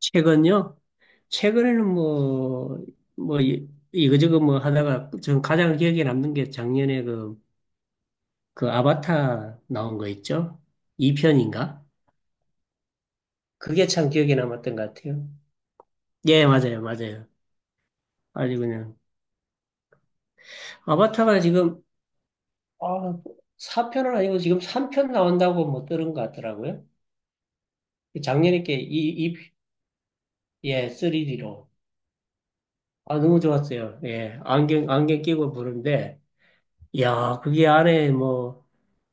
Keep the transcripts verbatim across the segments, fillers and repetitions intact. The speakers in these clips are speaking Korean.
최근요? 최근에는 뭐, 뭐, 이- 이거저거 뭐 하다가 전 가장 기억에 남는 게 작년에 그, 그 아바타 나온 거 있죠? 이 편인가? 그게 참 기억에 남았던 것 같아요. 예, 맞아요, 맞아요. 아주 그냥. 아바타가 지금, 아, 사 편은 아니고 지금 삼 편 나온다고 뭐 들은 것 같더라고요. 작년에 게 이, 이, 예, 쓰리디로. 아, 너무 좋았어요. 예, 안경, 안경 끼고 보는데, 야, 그게 안에 뭐,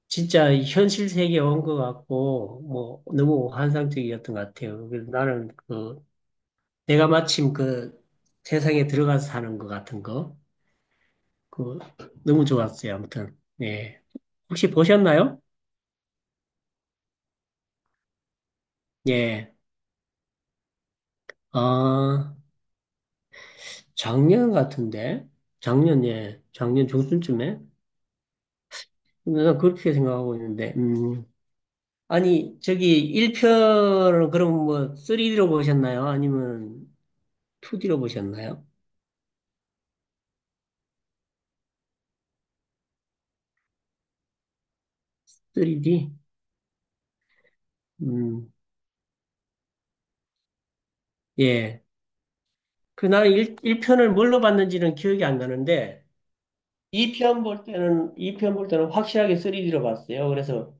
진짜 현실 세계에 온 것 같고, 뭐, 너무 환상적이었던 것 같아요. 그래서 나는 그, 내가 마침 그 세상에 들어가서 사는 것 같은 거, 그, 너무 좋았어요. 아무튼, 예. 혹시 보셨나요? 예. 아, 작년 같은데? 작년, 예. 작년 중순쯤에? 난 그렇게 생각하고 있는데, 음. 아니, 저기, 일 편을 그럼 뭐, 쓰리디로 보셨나요? 아니면 투디로 보셨나요? 쓰리디? 예. 그 나는 일일편을 뭘로 봤는지는 기억이 안 나는데, 이 편 볼 때는, 이 편 볼 때는 확실하게 쓰리디로 봤어요. 그래서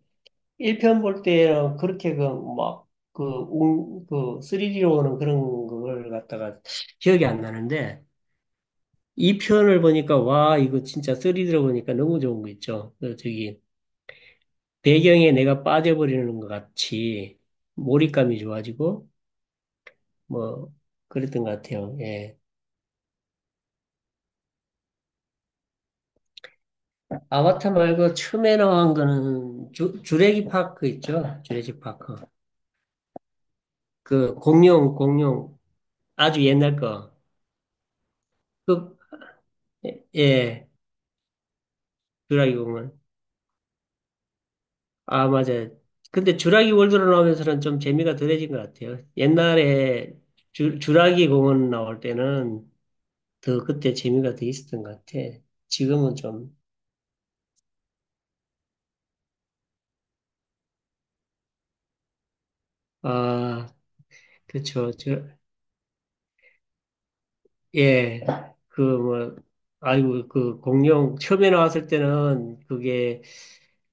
일 편 볼 때는 그렇게 그, 막, 그, 웅, 그, 쓰리디로 오는 그런 걸 갖다가 기억이 안 나는데, 이편을 보니까, 와, 이거 진짜 쓰리디로 보니까 너무 좋은 거 있죠. 그 저기, 배경에 내가 빠져버리는 것 같이 몰입감이 좋아지고, 뭐, 그랬던 것 같아요. 예. 아바타 말고 처음에 나온 거는 주, 주래기 파크 있죠? 주래기 파크. 그 공룡, 공룡. 아주 옛날 거. 그, 예, 주라기 공원. 아, 맞아요. 근데 주라기 월드로 나오면서는 좀 재미가 덜해진 것 같아요. 옛날에 주, 주라기 공원 나올 때는 더 그때 재미가 더 있었던 것 같아. 지금은 좀, 아, 그쵸. 저, 예. 그 뭐, 아이고, 그 공룡 처음에 나왔을 때는 그게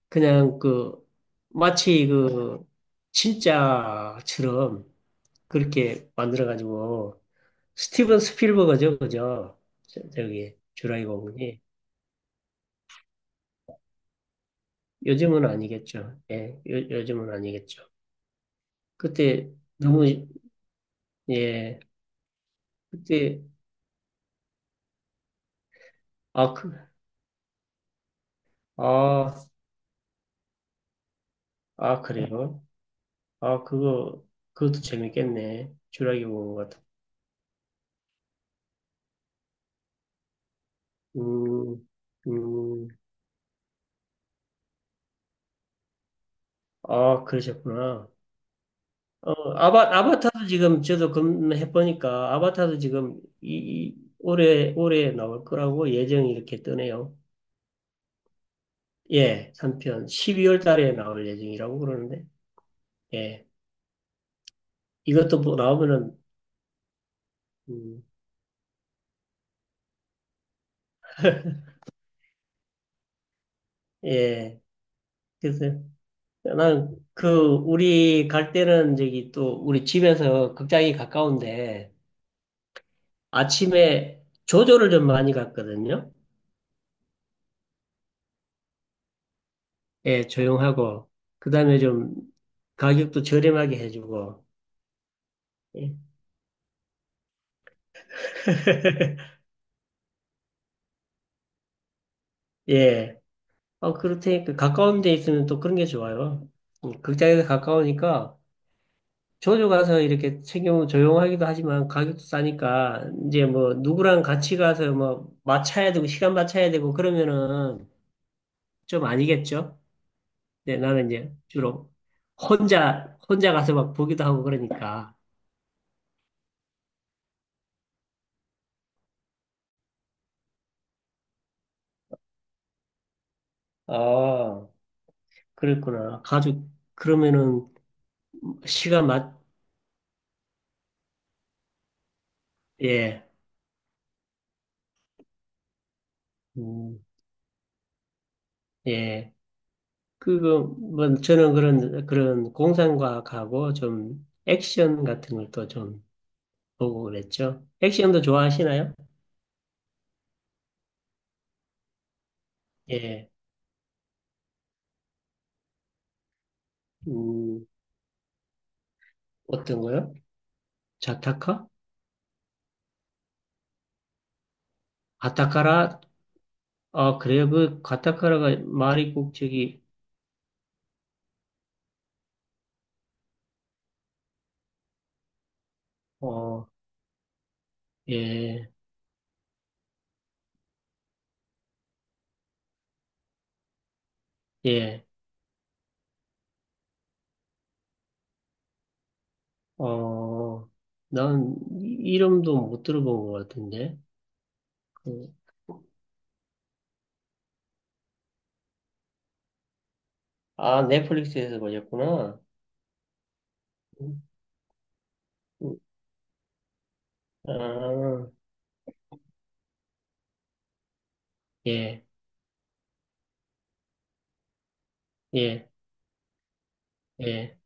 그냥 그 마치 그 진짜처럼 그렇게 만들어가지고 스티븐 스필버거죠, 그죠? 저- 저기 주라기 공군이 요즘은 아니겠죠. 예, 요, 요즘은 아니겠죠. 그때 너무 예, 그때 아, 그, 아, 아 그래요? 아 그거 그것도 재밌겠네. 주라기 공군 같은. 음, 음, 아 그러셨구나. 어, 아바, 아바타도 지금 저도 검해보니까 아바타도 지금 이, 이- 올해, 올해 나올 거라고 예정이 이렇게 뜨네요. 예, 삼 편. 십이 월 달에 나올 예정이라고 그러는데, 예. 이것도 뭐 나오면은, 음, 예. 그래서 나는 그, 우리 갈 때는 저기 또 우리 집에서 극장이 가까운데 아침에 조조를 좀 많이 갔거든요. 예, 조용하고, 그 다음에 좀 가격도 저렴하게 해주고, 예. 예. 어, 그렇다니까 가까운 데 있으면 또 그런 게 좋아요. 음, 극장에서 가까우니까 자주 가서 이렇게 챙겨 조용하기도 하지만 가격도 싸니까 이제 뭐 누구랑 같이 가서 뭐 맞춰야 되고 시간 맞춰야 되고 그러면은 좀 아니겠죠? 네, 나는 이제 주로 혼자 혼자 가서 막 보기도 하고 그러니까. 아, 그랬구나. 가족 그러면은 시간 맞 예. 음, 예. 그거 뭐 저는 그런 그런 공상과학하고 좀 액션 같은 걸 또 좀 보고 그랬죠. 액션도 좋아하시나요? 예. 음, 어떤 거요? 자타카? 가타카라? 아, 그래요. 그 가타카라가 말이 꼭 저기 어, 예. 예. 어, 난 이- 이름도 못 들어본 것 같은데. 그, 아, 넷플릭스에서 보셨구나. 음, 음, 아, 예. 예. 예.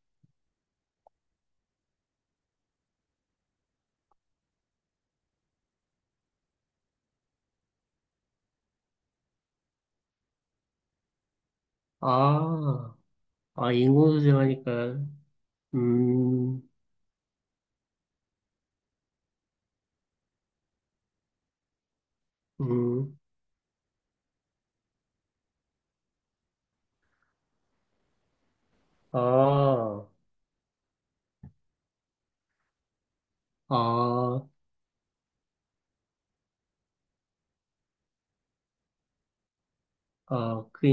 아, 아, 인공수생 하니까, 음, 음, 아, 아, 아, 그,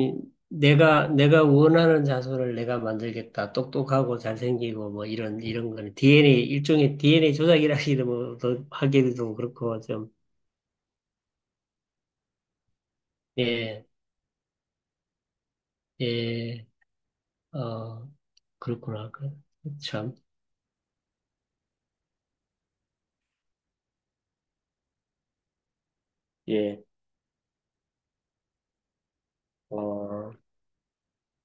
내가, 내가 원하는 자손을 내가 만들겠다. 똑똑하고 잘생기고, 뭐, 이런, 이런 거는 디엔에이, 일종의 디엔에이 조작이라기도 뭐, 더 하기도 좀 그렇고, 좀, 예, 예, 어, 그렇구나. 그, 참, 예. 어,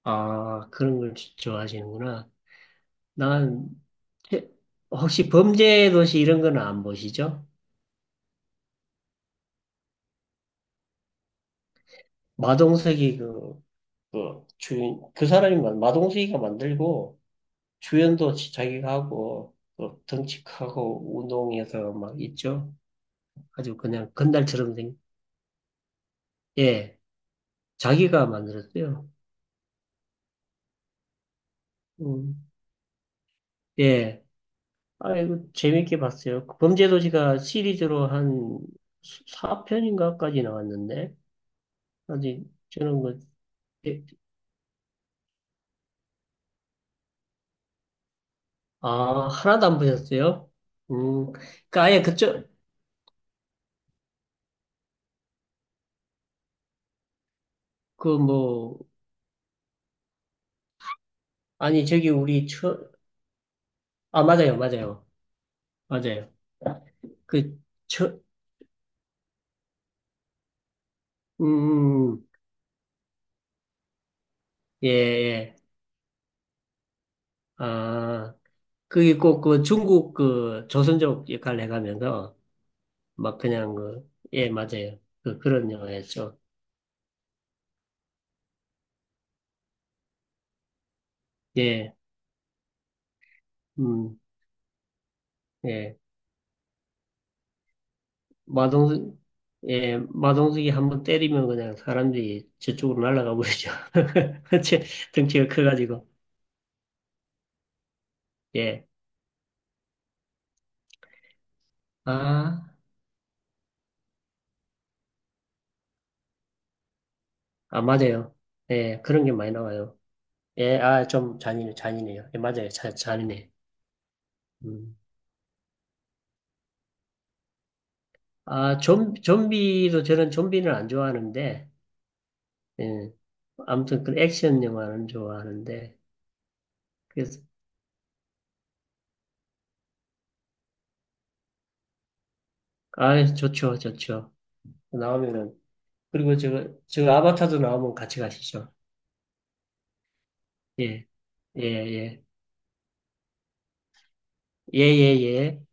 아, 그런 걸 좋아하시는구나. 난 최- 혹시 범죄 도시 이런 거는 안 보시죠? 마동석이 그, 그 주인 그 사람이 만- 마동석이가 만들고 주연도 지- 자기가 하고 또 덩치크하고 운동해서 막 있죠. 아주 그냥 건달처럼 생 예, 자기가 만들었어요. 음, 예, 아이고 재밌게 봤어요. 그 범죄 도시가 시리즈로 한 사 편인가까지 나왔는데 아직 저는 그 아, 하나도 안 보셨어요? 음, 그러니까 아예 그쪽, 그 뭐, 아니, 저기 우리 처, 아, 맞아요, 맞아요, 맞아요. 그, 처, 음, 예, 예. 아, 그게 꼭 그 중국 그 조선족 역할을 해가면서 막 그냥 그, 예, 맞아요. 그, 그런 영화였죠. 예, 음, 예. 마동석, 예, 마동석이 한번 때리면 그냥 사람들이 저쪽으로 날아가 버리죠. 덩치- 덩치가 커가지고. 예. 아, 아, 맞아요. 예, 그런 게 많이 나와요. 예, 아, 좀 잔인해, 잔인해요. 예, 맞아요. 자, 잔인해. 음. 아, 좀, 좀비도 저는 좀비는 안 좋아하는데, 예. 아무튼 그 액션 영화는 좋아하는데, 그래서, 아, 좋죠, 좋죠. 나오면은, 그리고 저, 저 아바타도 나오면 같이 가시죠. 예, 예, 예. 예, 예, 예.